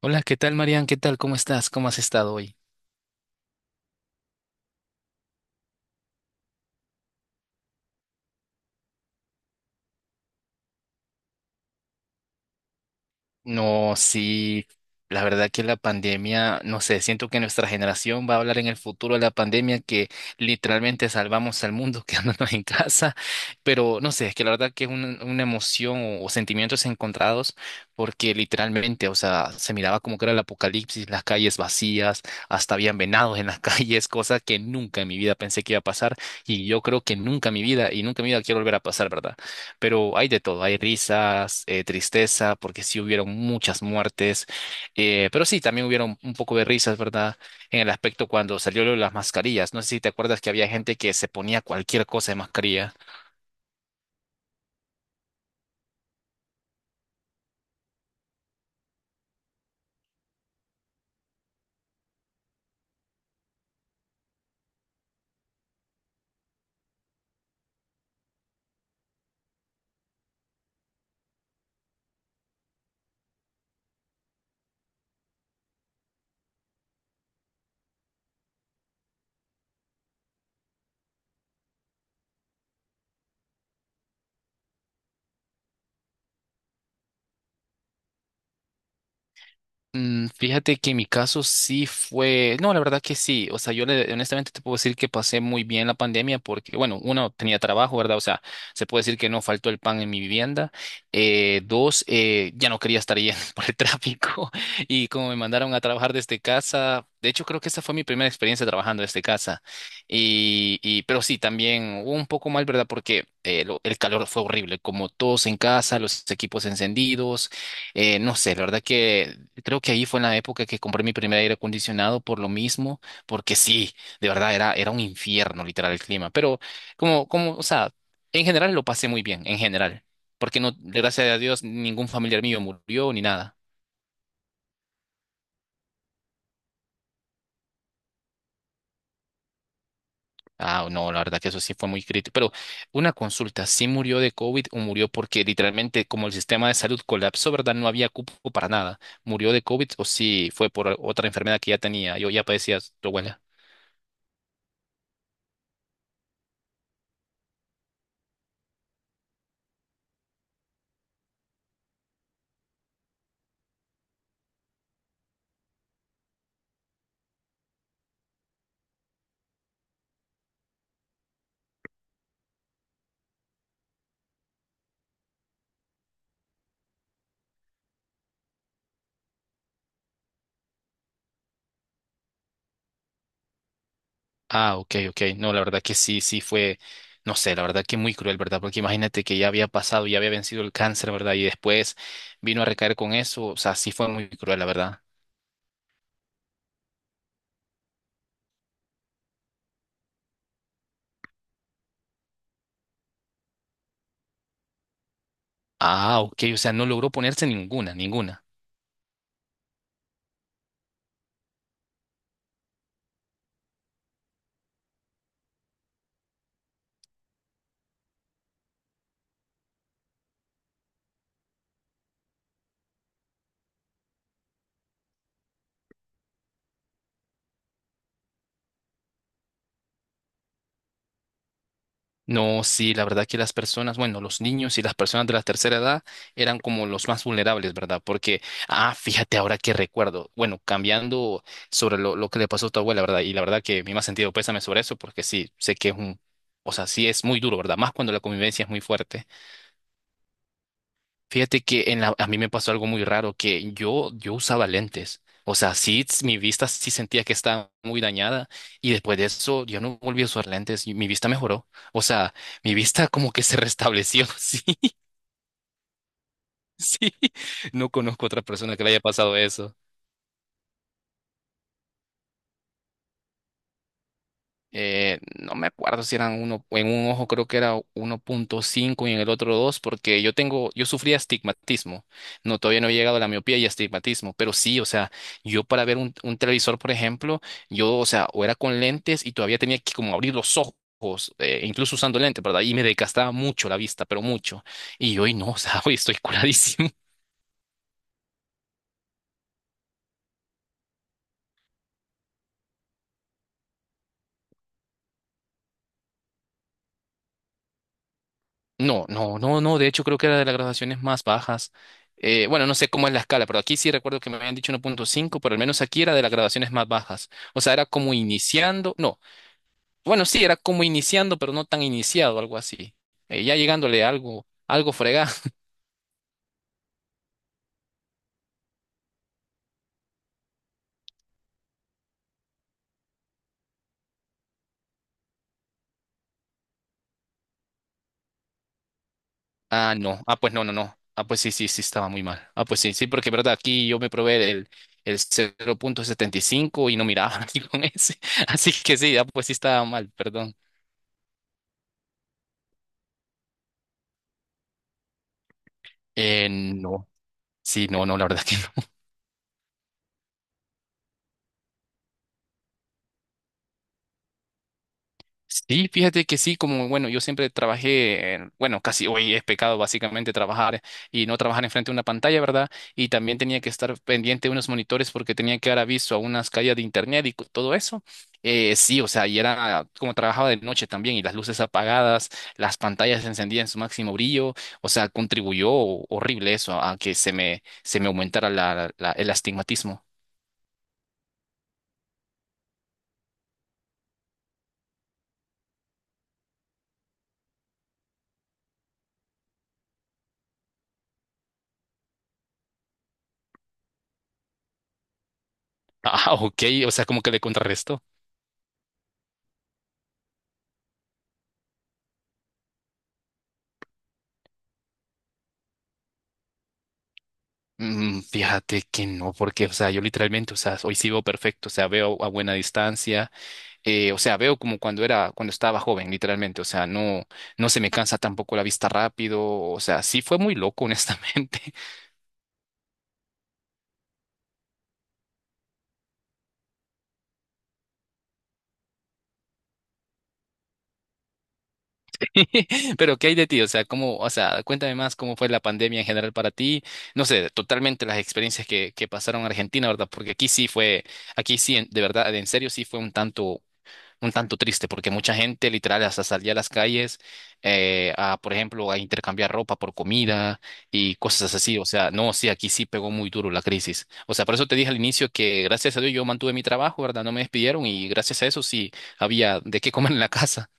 Hola, ¿qué tal, Marian? ¿Qué tal? ¿Cómo estás? ¿Cómo has estado hoy? No, sí, la verdad que la pandemia, no sé, siento que nuestra generación va a hablar en el futuro de la pandemia que literalmente salvamos al mundo quedándonos en casa, pero no sé, es que la verdad que es una emoción o sentimientos encontrados porque literalmente, o sea, se miraba como que era el apocalipsis, las calles vacías, hasta habían venados en las calles, cosa que nunca en mi vida pensé que iba a pasar y yo creo que nunca en mi vida y nunca en mi vida quiero volver a pasar, ¿verdad? Pero hay de todo, hay risas, tristeza, porque sí hubieron muchas muertes, pero sí, también hubieron un poco de risas, ¿verdad? En el aspecto cuando salió lo de las mascarillas, no sé si te acuerdas que había gente que se ponía cualquier cosa de mascarilla. Mm, fíjate que en mi caso sí fue, no, la verdad que sí, o sea, honestamente te puedo decir que pasé muy bien la pandemia porque, bueno, uno tenía trabajo, ¿verdad? O sea, se puede decir que no faltó el pan en mi vivienda. Dos, ya no quería estar yendo por el tráfico y como me mandaron a trabajar desde casa, de hecho creo que esa fue mi primera experiencia trabajando desde casa. Y pero sí, también hubo un poco mal, ¿verdad? Porque el calor fue horrible, como todos en casa, los equipos encendidos. No sé, la verdad que creo que ahí fue en la época que compré mi primer aire acondicionado por lo mismo, porque sí, de verdad era, era un infierno literal el clima, pero o sea, en general lo pasé muy bien, en general, porque no, gracias a Dios, ningún familiar mío murió ni nada. Ah, no, la verdad que eso sí fue muy crítico, pero una consulta, ¿sí murió de COVID o murió porque literalmente como el sistema de salud colapsó? ¿Verdad? No había cupo para nada. ¿Murió de COVID o sí fue por otra enfermedad que ya tenía? Yo ya padecía, tu abuela. Ah, ok, ok. No, la verdad que sí, sí fue, no sé, la verdad que muy cruel, ¿verdad? Porque imagínate que ya había pasado, ya había vencido el cáncer, ¿verdad? Y después vino a recaer con eso, o sea, sí fue muy cruel, la verdad. Ah, ok, o sea, no logró ponerse ninguna, ninguna. No, sí, la verdad que las personas, bueno, los niños y las personas de la tercera edad eran como los más vulnerables, ¿verdad? Porque, ah, fíjate ahora que recuerdo, bueno, cambiando sobre lo que le pasó a tu abuela, ¿verdad? Y la verdad que me ha sentido pésame sobre eso, porque sí, sé que es un, o sea, sí es muy duro, ¿verdad? Más cuando la convivencia es muy fuerte. Fíjate que en la- A mí me pasó algo muy raro, que yo usaba lentes. O sea, sí, mi vista sí sentía que estaba muy dañada y después de eso yo no volví a usar lentes y mi vista mejoró. O sea, mi vista como que se restableció. Sí, sí. No conozco otra persona que le haya pasado eso. No me acuerdo si eran uno, en un ojo creo que era 1.5 y en el otro 2 porque yo tengo, yo sufría astigmatismo. No, todavía no he llegado a la miopía y astigmatismo, pero sí, o sea, yo para ver un televisor, por ejemplo, yo, o sea, o era con lentes y todavía tenía que como abrir los ojos. Incluso usando lentes, ¿verdad? Y me desgastaba mucho la vista, pero mucho. Y hoy no, o sea, hoy estoy curadísimo. No, no, no, no. De hecho, creo que era de las graduaciones más bajas. Bueno, no sé cómo es la escala, pero aquí sí recuerdo que me habían dicho 1.5, pero al menos aquí era de las graduaciones más bajas. O sea, era como iniciando. No, bueno, sí, era como iniciando, pero no tan iniciado, algo así. Ya llegándole a algo, algo fregado. Ah, no. Ah, pues no, no, no. Ah, pues sí, sí, sí, estaba muy mal. Ah, pues sí, sí, porque verdad, aquí yo me probé el 0.75 y cinco y no miraba aquí con ese. Así que sí, ah, pues sí estaba mal, perdón. No. Sí, no, no, la verdad que no. Sí, fíjate que sí, como bueno, yo siempre trabajé, bueno, casi hoy es pecado básicamente trabajar y no trabajar enfrente de una pantalla, ¿verdad? Y también tenía que estar pendiente de unos monitores porque tenía que dar aviso a unas calles de internet y todo eso. Sí, o sea, y era como trabajaba de noche también y las luces apagadas, las pantallas encendidas en su máximo brillo, o sea, contribuyó horrible eso a que se me aumentara el astigmatismo. Ah, ok, o sea, como que le contrarrestó. Mm, fíjate que no, porque, o sea, yo literalmente, o sea, hoy sí veo perfecto, o sea, veo a buena distancia, o sea, veo como cuando era, cuando estaba joven, literalmente, o sea, no, no se me cansa tampoco la vista rápido, o sea, sí fue muy loco, honestamente. Pero, ¿qué hay de ti? O sea, cómo, o sea, cuéntame más cómo fue la pandemia en general para ti, no sé, totalmente las experiencias que pasaron en Argentina, ¿verdad? Porque aquí sí fue, aquí sí, de verdad, en serio, sí fue un tanto triste porque mucha gente literal hasta salía a las calles a, por ejemplo, a intercambiar ropa por comida y cosas así. O sea, no, sí, aquí sí pegó muy duro la crisis. O sea, por eso te dije al inicio que gracias a Dios yo mantuve mi trabajo, ¿verdad? No me despidieron y gracias a eso sí había de qué comer en la casa.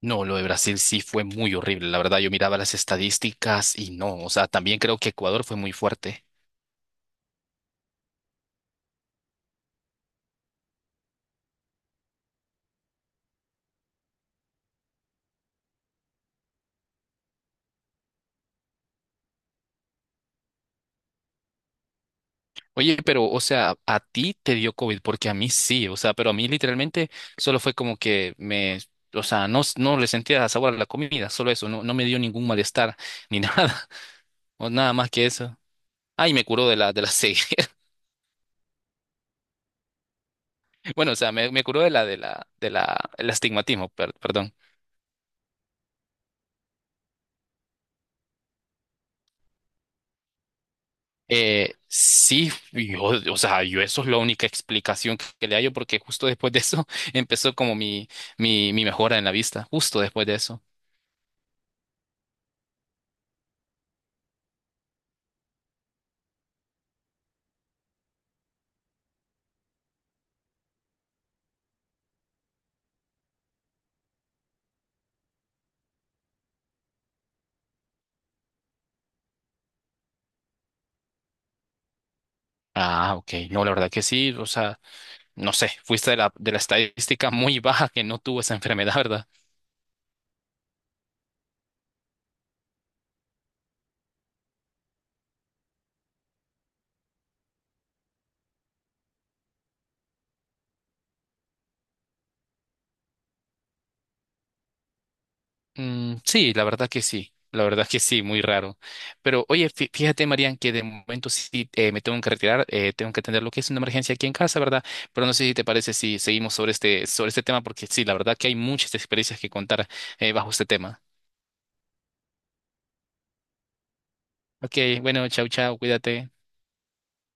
No, lo de Brasil sí fue muy horrible, la verdad. Yo miraba las estadísticas y no, o sea, también creo que Ecuador fue muy fuerte. Oye, pero, o sea, a ti te dio COVID, porque a mí sí, o sea, pero a mí literalmente solo fue como que me, o sea, no, no le sentía sabor a la comida, solo eso, no, no me dio ningún malestar ni nada, o nada más que eso. Ay, me curó de de la ceguera. Bueno, o sea, me curó de el astigmatismo, perdón. Sí, yo, o sea, yo eso es la única explicación que le hallo, porque justo después de eso empezó como mi, mi mejora en la vista, justo después de eso. Ah, ok. No, la verdad que sí. O sea, no sé, fuiste de de la estadística muy baja que no tuvo esa enfermedad, ¿verdad? Mm, sí, la verdad que sí. La verdad que sí, muy raro. Pero oye, fíjate, Marian, que de momento sí me tengo que retirar, tengo que atender lo que es una emergencia aquí en casa, ¿verdad? Pero no sé si te parece si seguimos sobre este tema, porque sí, la verdad que hay muchas experiencias que contar bajo este tema. Ok, bueno, chau, chau, cuídate.